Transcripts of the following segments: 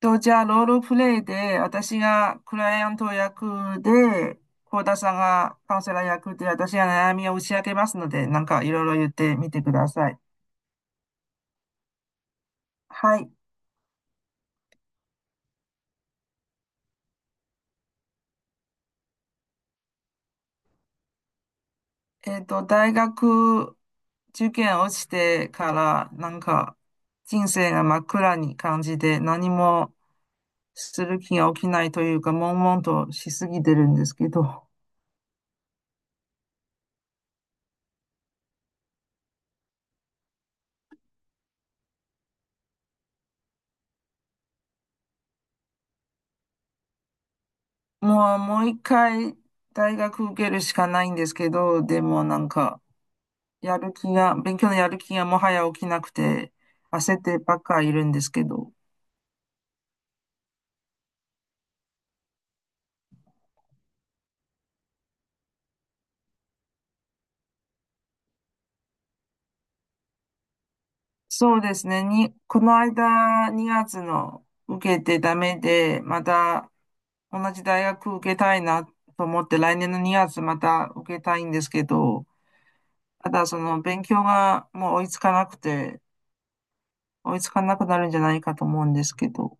と、じゃあ、ロールプレイで、私がクライアント役で、幸田さんがカウンセラー役で、私が悩みを打ち明けますので、なんかいろいろ言ってみてください。はい。大学受験落ちてから、なんか、人生が真っ暗に感じて、何もする気が起きないというか、悶々としすぎてるんですけど、もう一回、大学受けるしかないんですけど、でもなんか、やる気が、勉強のやる気がもはや起きなくて、焦ってばっかいるんですけど。そうですね。この間、2月の受けてダメで、また同じ大学受けたいなと思って、来年の2月また受けたいんですけど、ただその勉強がもう追いつかなくて、追いつかなくなるんじゃないかと思うんですけど。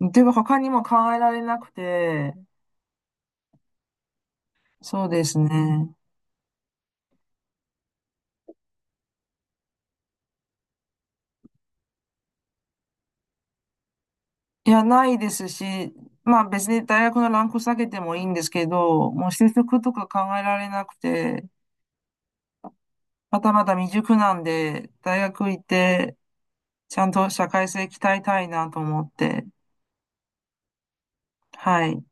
でも他にも考えられなくて、そうですね。いや、ないですし、まあ別に大学のランク下げてもいいんですけど、もう就職とか考えられなくて、まだまだ未熟なんで、大学行って、ちゃんと社会性鍛えたいなと思って、はい。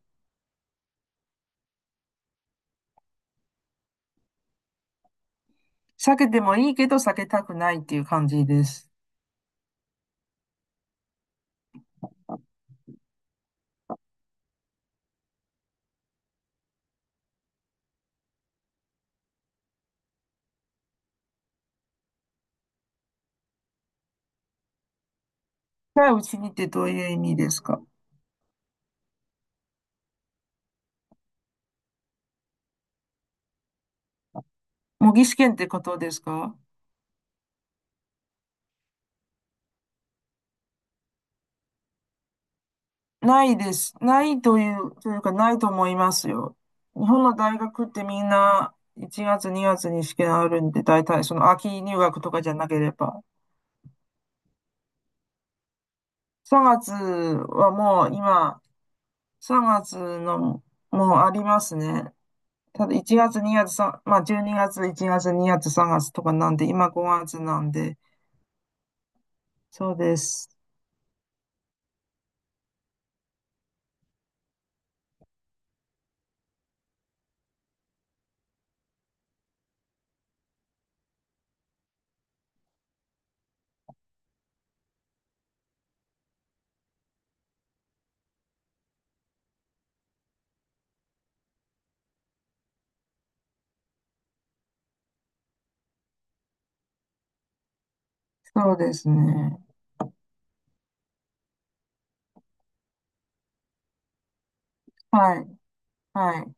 避けてもいいけど避けたくないっていう感じです。近いうちにってどういう意味ですか？模擬試験ってことですか？ないです。ないという、というかないと思いますよ。日本の大学ってみんな1月2月にがつに試験あるんで、大体その秋入学とかじゃなければ。3月はもう今、3月のもうありますね。ただ1月2月3、まあ12月、1月2月3月とかなんで、今5月なんで、そうです。そうですね。はい、はい。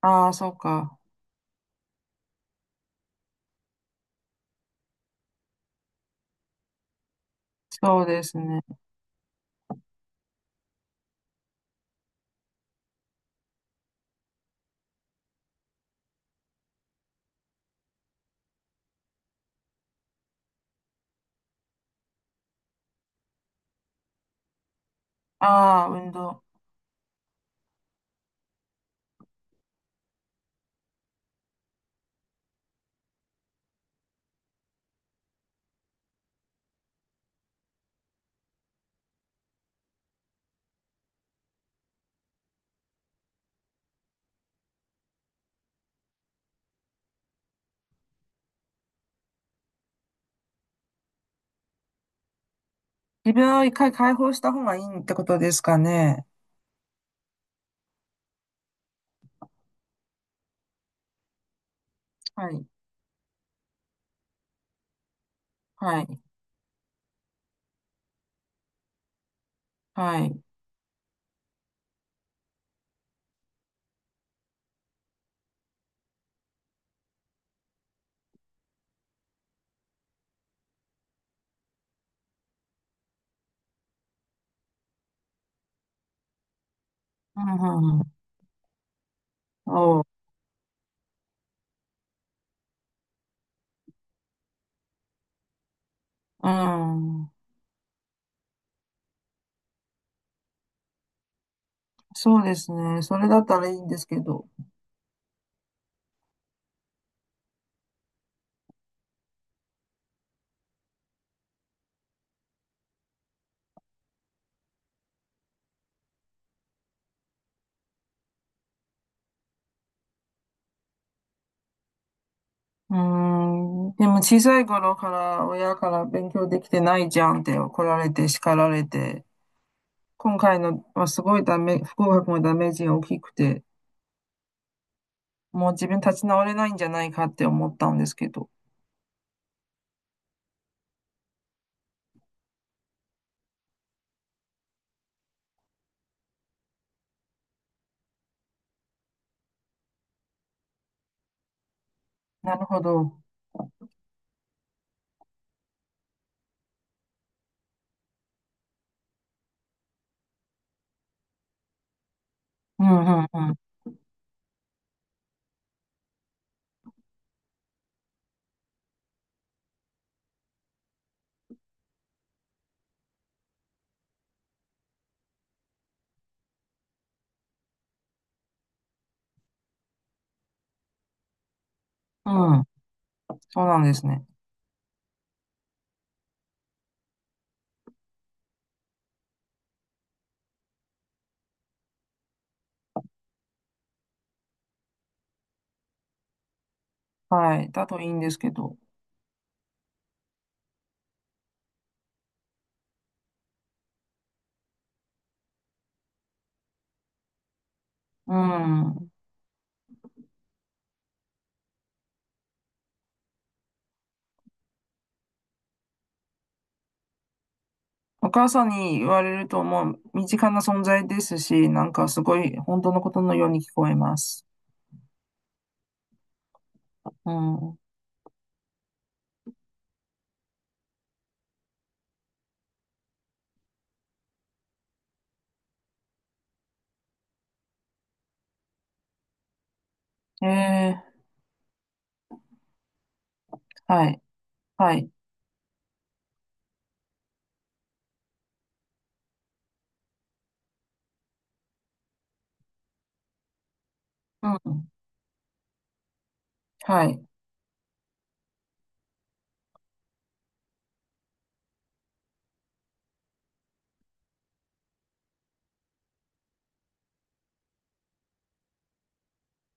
ああ、そうか。そうですね。ああ、運動。自分を一回解放した方がいいってことですかね。はい。はい。はい。うん、うん。おう。うん。そうですね。それだったらいいんですけど。うーん。でも小さい頃から親から勉強できてないじゃんって怒られて叱られて、今回のはすごいダメ、不合格のダメージが大きくて、もう自分立ち直れないんじゃないかって思ったんですけど。なるほど。うん、うん、うん。うん。そうなんですね。はい。だといいんですけど。うん。お母さんに言われるともう身近な存在ですし、なんかすごい本当のことのように聞こえます。うん。ええ、はい。はい。うん。はい。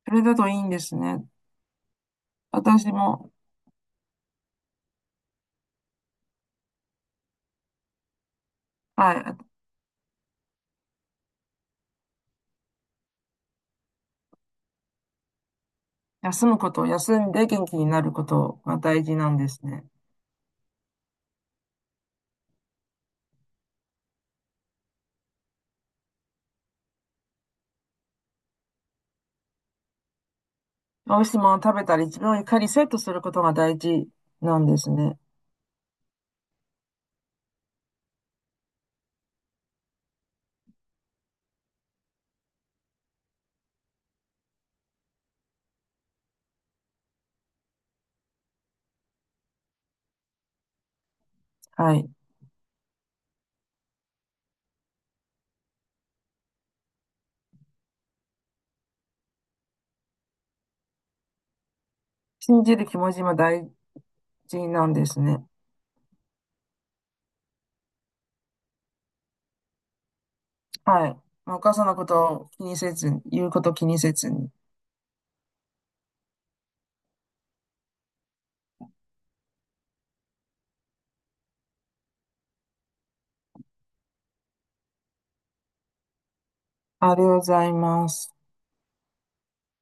それだといいんですね。私も、はい。休むこと、休んで元気になることが大事なんですね。美味しいものを食べたり、自分をいかにセットすることが大事なんですね。はい。信じる気持ちも大事なんですね。はい。まあお母さんのことを気にせずに、言うことを気にせずに。ありがとうございます。